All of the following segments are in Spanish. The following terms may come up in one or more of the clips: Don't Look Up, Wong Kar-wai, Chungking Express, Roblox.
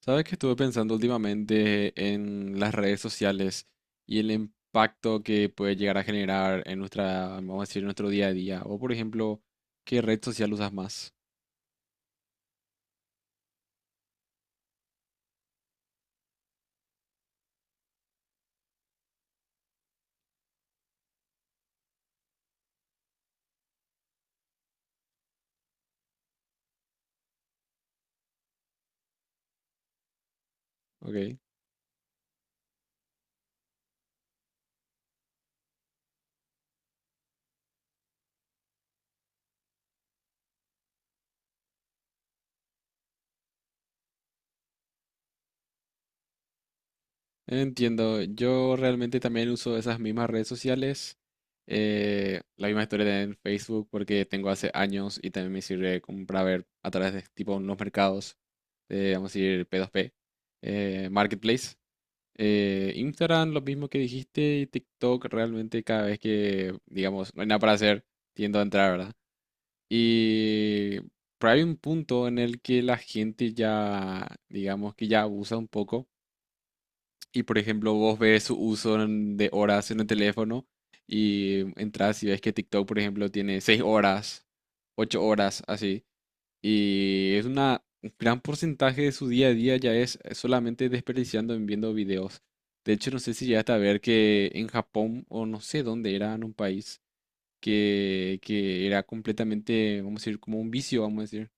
Sabes que estuve pensando últimamente en las redes sociales y el impacto que puede llegar a generar en nuestra, vamos a decir, nuestro día a día. O por ejemplo, ¿qué red social usas más? Ok. Entiendo. Yo realmente también uso esas mismas redes sociales. La misma historia en Facebook porque tengo hace años y también me sirve como para ver a través de tipo unos mercados, vamos a decir P2P, Marketplace. Instagram, lo mismo que dijiste, y TikTok, realmente cada vez que, digamos, no hay nada para hacer, tiendo a entrar, ¿verdad? Y pero hay un punto en el que la gente ya, digamos, que ya abusa un poco. Y por ejemplo, vos ves su uso de horas en el teléfono y entras y ves que TikTok, por ejemplo, tiene 6 horas, 8 horas, así. Y es una un gran porcentaje de su día a día ya es solamente desperdiciando en viendo videos. De hecho, no sé si llegaste a ver que en Japón o no sé dónde era, en un país que era completamente, vamos a decir, como un vicio, vamos a decir.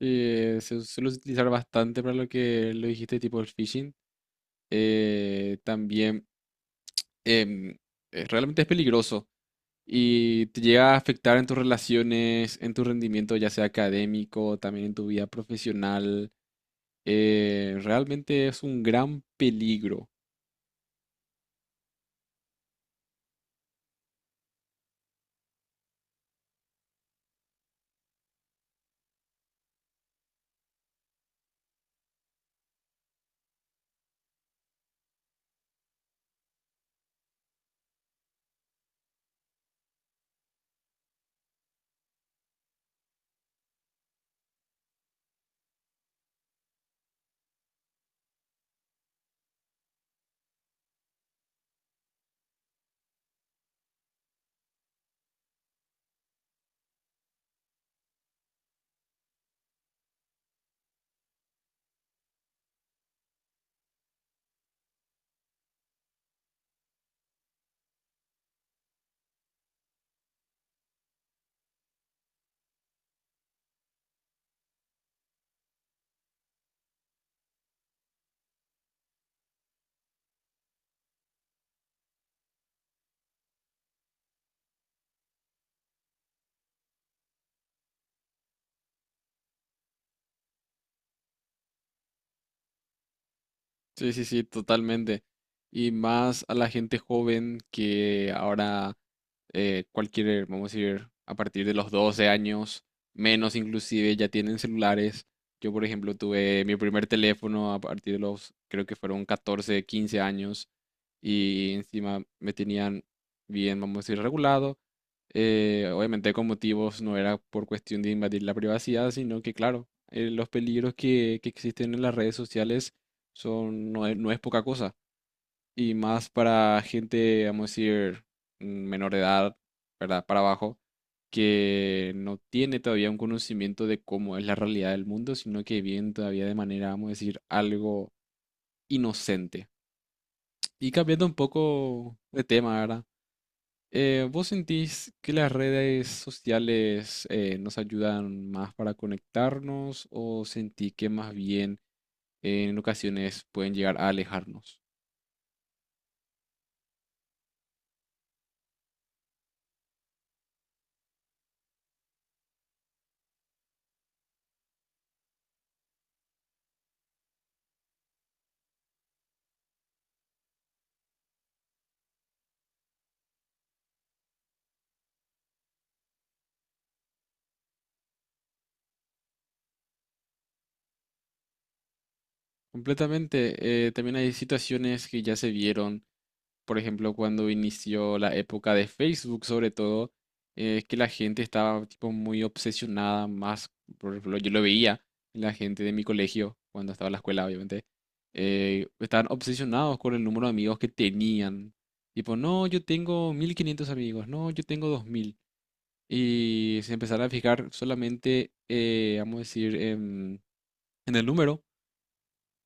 Se suele utilizar bastante para lo que lo dijiste, tipo el phishing. Eh, también em, realmente es peligroso y te llega a afectar en tus relaciones, en tu rendimiento, ya sea académico, también en tu vida profesional. Realmente es un gran peligro. Sí, sí, sí, totalmente. Y más a la gente joven que ahora cualquier, vamos a decir, a partir de los 12 años, menos inclusive, ya tienen celulares. Yo, por ejemplo, tuve mi primer teléfono a partir de los, creo que fueron 14 15 años y encima me tenían bien, vamos a decir, regulado. Obviamente con motivos, no era por cuestión de invadir la privacidad, sino que, claro, los peligros que existen en las redes sociales son, no es poca cosa. Y más para gente, vamos a decir, menor de edad, ¿verdad? Para abajo, que no tiene todavía un conocimiento de cómo es la realidad del mundo, sino que viven todavía de manera, vamos a decir, algo inocente. Y cambiando un poco de tema, ¿verdad? ¿Vos sentís que las redes sociales nos ayudan más para conectarnos o sentís que más bien en ocasiones pueden llegar a alejarnos? Completamente. También hay situaciones que ya se vieron, por ejemplo, cuando inició la época de Facebook, sobre todo, que la gente estaba tipo muy obsesionada, más, por ejemplo, yo lo veía en la gente de mi colegio, cuando estaba en la escuela, obviamente, estaban obsesionados con el número de amigos que tenían. Tipo, no, yo tengo 1500 amigos, no, yo tengo dos mil. Y se empezaron a fijar solamente, vamos a decir, en el número,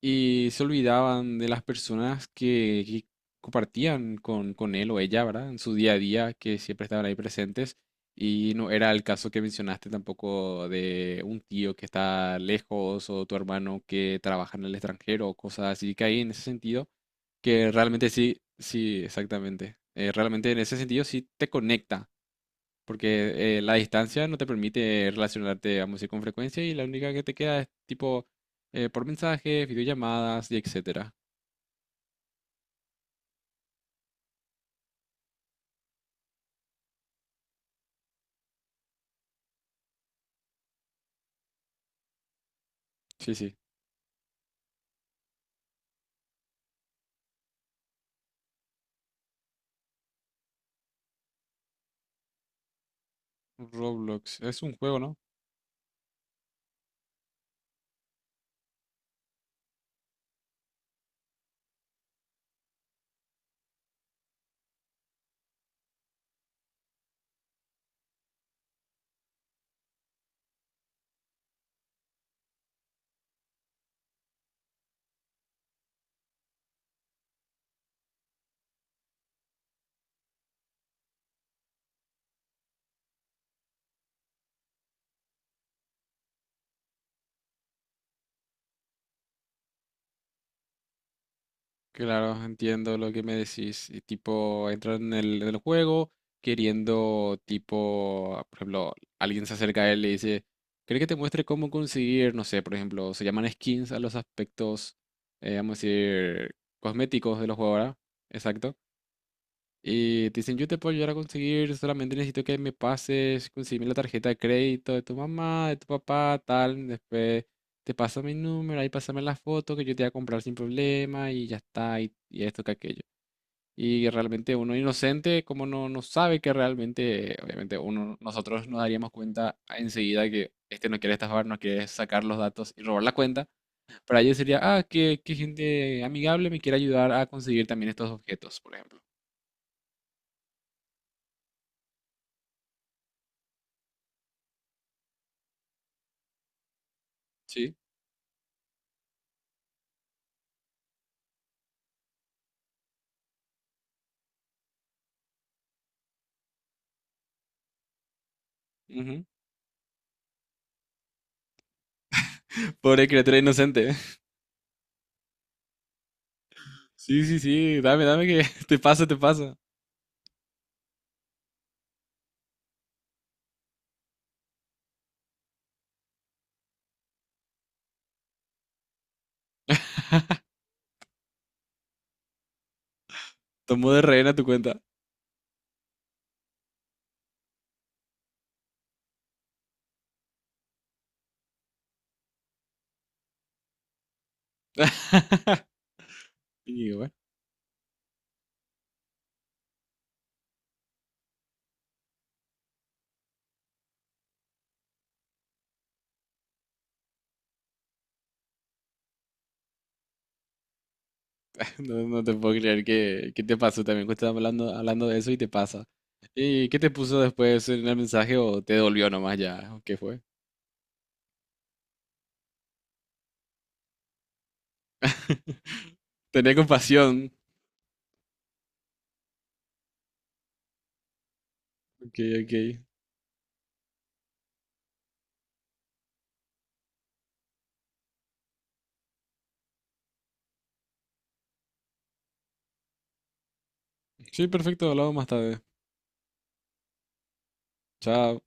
y se olvidaban de las personas que compartían con él o ella, ¿verdad? En su día a día, que siempre estaban ahí presentes. Y no era el caso que mencionaste tampoco de un tío que está lejos o tu hermano que trabaja en el extranjero o cosas así, que ahí en ese sentido, que realmente sí, sí, exactamente. Realmente en ese sentido sí te conecta porque la distancia no te permite relacionarte, vamos a decir, con frecuencia y la única que te queda es tipo por mensajes, videollamadas y etcétera. Sí, sí. Roblox es un juego, ¿no? Claro, entiendo lo que me decís. Y tipo, entrar en el juego queriendo, tipo, ah, por ejemplo, alguien se acerca a él y le dice, ¿cree que te muestre cómo conseguir, no sé, por ejemplo, se llaman skins a los aspectos, vamos a decir, cosméticos de los juegos, ¿verdad? Exacto. Y te dicen, yo te puedo ayudar a conseguir, solamente necesito que me pases, conseguirme la tarjeta de crédito de tu mamá, de tu papá, tal. Después te paso mi número, ahí pásame la foto que yo te voy a comprar sin problema y ya está, y esto que aquello. Y realmente uno inocente, como no sabe que realmente, obviamente uno, nosotros nos daríamos cuenta enseguida que este no quiere estafar, no quiere sacar los datos y robar la cuenta. Para ellos sería, ah, qué gente amigable me quiere ayudar a conseguir también estos objetos, por ejemplo. Sí. Ujú. Pobre criatura inocente. Sí, sí, sí, dame, dame que te pasa, te pasa. Tomó de rehén a tu cuenta. Y bueno, no, no te puedo creer que te pasó también, que estás hablando de eso y te pasa. ¿Y qué te puso después en el mensaje o te dolió nomás ya? ¿O ¿Qué fue? Tené compasión. Ok, ok. Sí, perfecto, hablamos más tarde. Chao.